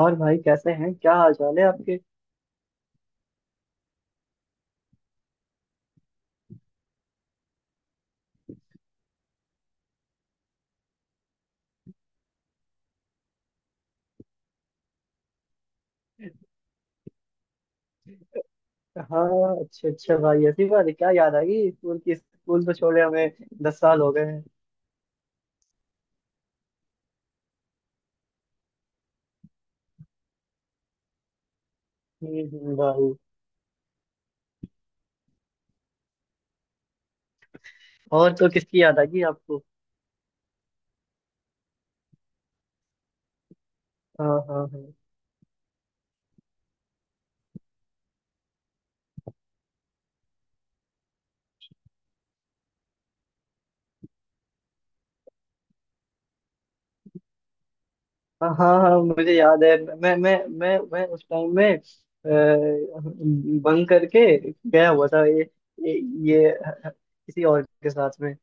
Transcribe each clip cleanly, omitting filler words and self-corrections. और भाई कैसे हैं? क्या हाल चाल है आपके? हाँ, अच्छा अच्छा भाई, ऐसी बात है। क्या याद आ गई स्कूल की? स्कूल तो छोड़े हमें 10 साल हो गए हैं। भाई। और तो किसकी याद आ गई आपको? हाँ हाँ हाँ। हाँ हाँ हाँ, मुझे याद है, मैं उस टाइम में बंक करके गया हुआ था। ये ये किसी और के साथ में।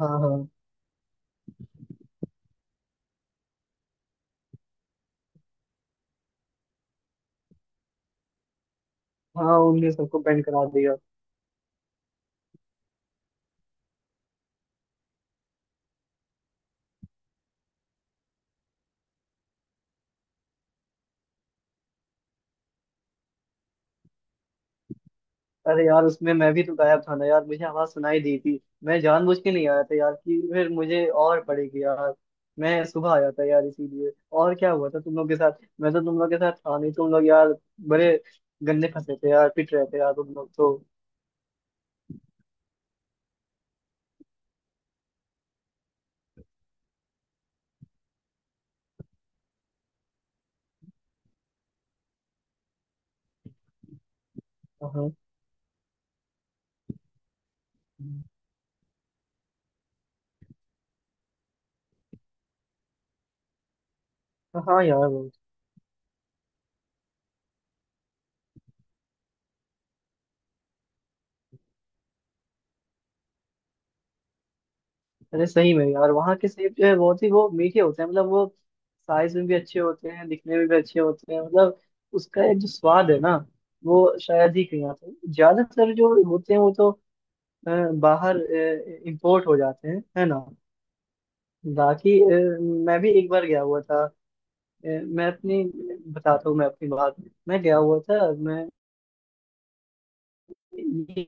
हाँ हाँ हाँ, उनने सबको बैंड करा दिया। अरे यार, उसमें मैं भी तो गायब था ना यार। मुझे आवाज सुनाई दी थी, मैं जानबूझ के नहीं आया था यार कि फिर मुझे और पड़ेगी यार। मैं सुबह आया था यार इसीलिए। और क्या हुआ था तुम लोग के साथ? मैं तो तुम लोग के साथ था नहीं। तुम लोग यार बड़े गंदे फंसे थे यार, पिट रहे थे यार तुम लोग तो। हाँ, हाँ यार वो। अरे सही में यार, वहाँ के सेब जो है बहुत ही वो मीठे होते हैं। मतलब वो साइज में भी अच्छे होते हैं, दिखने में भी अच्छे होते हैं। मतलब उसका एक जो स्वाद है ना, वो शायद ही कहीं आता है। ज्यादातर जो होते हैं वो तो अ, बाहर इंपोर्ट हो जाते हैं, है ना। बाकी मैं भी एक बार गया हुआ था। अ, मैं अपनी बताता हूँ मैं अपनी बात। मैं गया हुआ था। मैं ये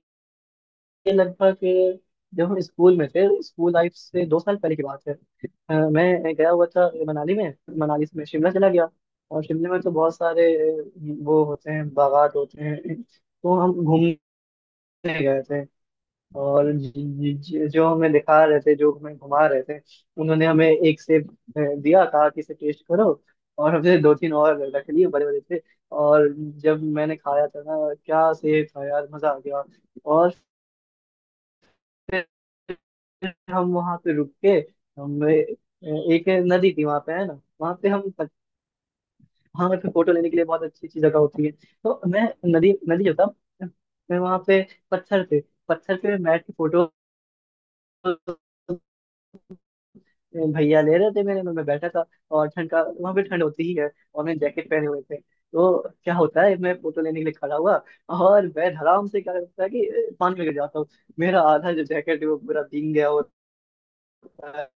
ये लगभग अ, जब हम स्कूल में थे, स्कूल लाइफ से 2 साल पहले की बात है। मैं गया हुआ था मनाली में। मनाली से मैं शिमला चला गया। और शिमला में तो बहुत सारे वो होते हैं, बागात होते हैं, तो हम घूमने गए थे। और जो हमें दिखा रहे थे, जो हमें घुमा रहे थे, उन्होंने हमें एक सेब दिया। कहा कि इसे टेस्ट करो। और हमने 2-3 और रख लिए बड़े बड़े से। और जब मैंने खाया था ना, क्या सेब था यार! मजा आ गया। और फिर हम वहां पे रुक के, हम ए- एक नदी थी वहां पे, है ना। वहां पे हम, वहां पे फोटो लेने के लिए बहुत अच्छी अच्छी जगह होती है। तो मैं, नदी नदी जो था, मैं वहां पे पत्थर पे पत्थर पे बैठ के, फोटो भैया ले रहे थे मेरे, मैं बैठा था। और ठंड, का वहां पे ठंड होती ही है। और मैंने जैकेट पहने हुए थे। तो क्या होता है, मैं फोटो लेने के लिए खड़ा हुआ और मैं आराम से, क्या करता है कि पानी में गिर जाता हूँ। मेरा आधा जो जैकेट है वो पूरा भीग गया होता है।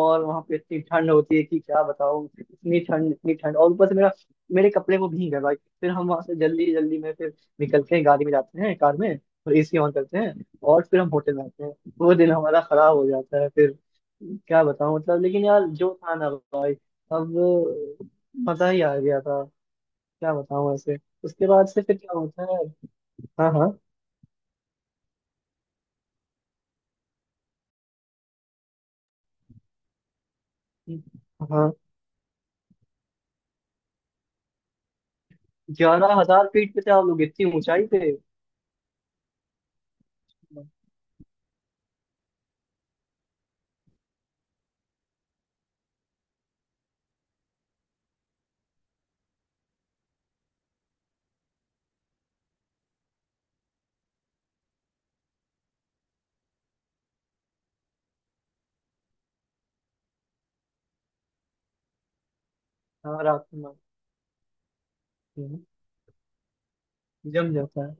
और वहां पे इतनी ठंड होती है कि क्या बताऊं, इतनी ठंड, इतनी ठंड, और ऊपर से मेरा, मेरे कपड़े वो भीग गए भाई। फिर हम वहां से जल्दी जल्दी में फिर निकलते हैं, गाड़ी में जाते हैं, कार में। और एसी ऑन करते हैं। और फिर हम होटल में आते हैं। वो दिन हमारा खराब हो जाता है फिर। क्या बताऊं मतलब। लेकिन यार जो था ना भाई, अब मजा ही आ गया था। क्या बताऊं ऐसे। उसके बाद से फिर क्या होता है। हाँ हाँ हाँ। 11,000 फीट पे थे आप लोग? इतनी ऊंचाई पे? हाँ रात में। हम्म, जम जाता है।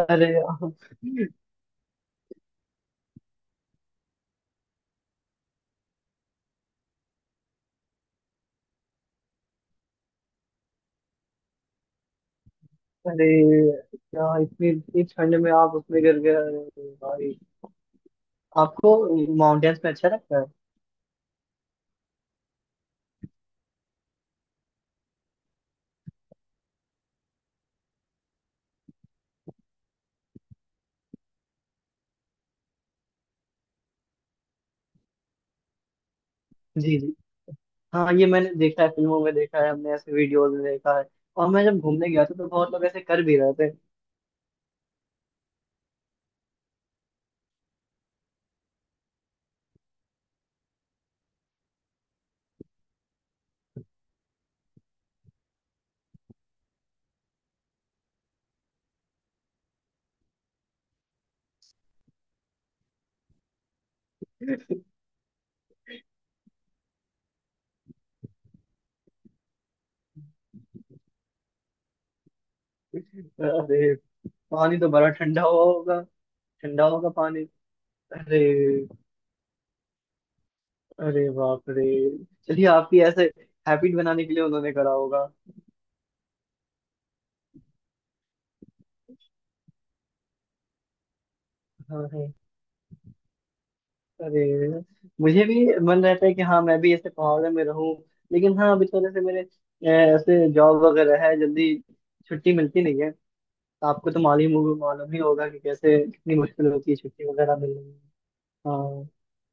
अरे। अरे, क्या इतनी इतनी ठंड में आप उसमें गिर गए? अरे भाई! आपको माउंटेन्स में अच्छा लगता है? जी जी। हाँ ये मैंने देखा है, फिल्मों में देखा है हमने, ऐसे वीडियोस में देखा है। और मैं जब घूमने गया था तो बहुत लोग ऐसे कर भी रहे थे। अरे, पानी तो बड़ा ठंडा हुआ होगा। ठंडा होगा पानी। अरे, अरे बाप रे। चलिए, आपकी ऐसे हैबिट बनाने के लिए उन्होंने करा होगा। हाँ, अरे मुझे भी मन रहता है कि हाँ मैं भी ऐसे पहाड़ों में रहूं। लेकिन हाँ, अभी थोड़े से मेरे ऐसे जॉब वगैरह है, जल्दी छुट्टी मिलती नहीं है। आपको तो मालूम ही होगा कि कैसे कितनी मुश्किल होती है छुट्टी वगैरह मिलने में। हाँ।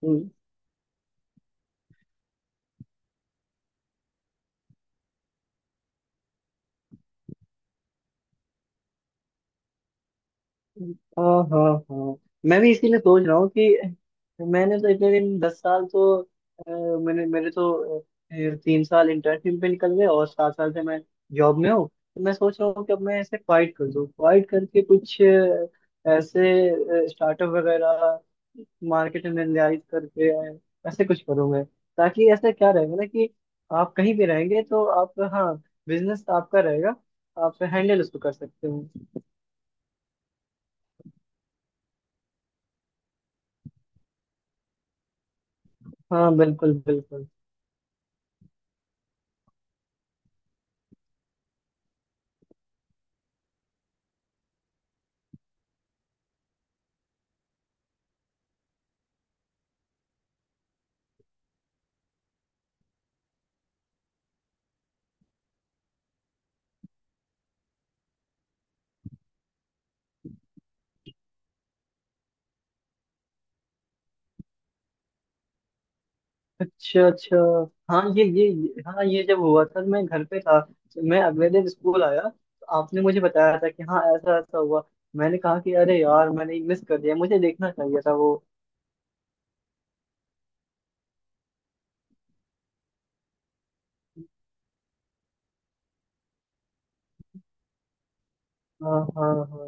हम्म। हाँ हाँ हाँ, मैं भी इसीलिए सोच रहा हूँ कि, मैंने तो इतने दिन, 10 साल तो अ, मैंने मेरे तो 3 साल इंटर्नशिप पे निकल गए, और 7 साल से मैं जॉब में हूँ। तो मैं सोच रहा हूँ कि अब मैं ऐसे फाइट कर दूँ, फाइट करके कुछ ऐसे स्टार्टअप वगैरह मार्केट में निर्धारित करके ऐसे कुछ करूँगा। ताकि ऐसा क्या रहेगा ना कि आप कहीं भी रहेंगे तो आप, हाँ, बिजनेस आपका रहेगा, आप हैंडल उसको कर सकते हो। हाँ बिल्कुल बिल्कुल। अच्छा अच्छा। हाँ हाँ, ये जब हुआ था, मैं घर पे था। तो मैं अगले दिन स्कूल आया तो आपने मुझे बताया था कि हाँ ऐसा ऐसा हुआ। मैंने कहा कि अरे यार, मैंने मिस कर दिया, मुझे देखना चाहिए था वो। हाँ हाँ हाँ।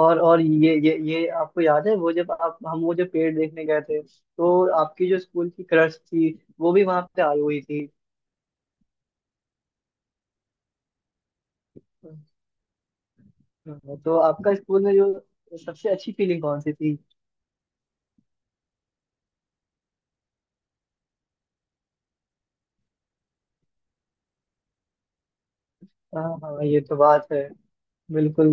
और ये आपको याद है वो जब आप, हम वो जो पेड़ देखने गए थे, तो आपकी जो स्कूल की क्रश थी वो भी वहां पे आई हुई थी। हाँ, तो आपका स्कूल में जो सबसे अच्छी फीलिंग कौन सी थी? हाँ हाँ, ये तो बात है। बिल्कुल।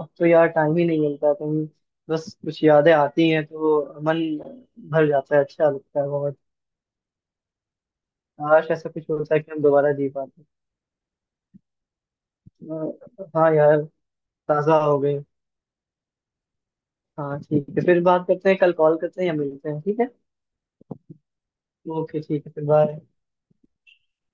अब तो यार टाइम ही नहीं मिलता कहीं। बस कुछ यादें आती हैं तो मन भर जाता है, अच्छा लगता है बहुत। काश ऐसा कुछ होता है कि हम दोबारा जी पाते। हाँ यार, ताज़ा हो गए। हाँ ठीक है, फिर बात करते हैं, कल कॉल करते हैं या मिलते हैं, ठीक है। ओके ठीक है, फिर बाय।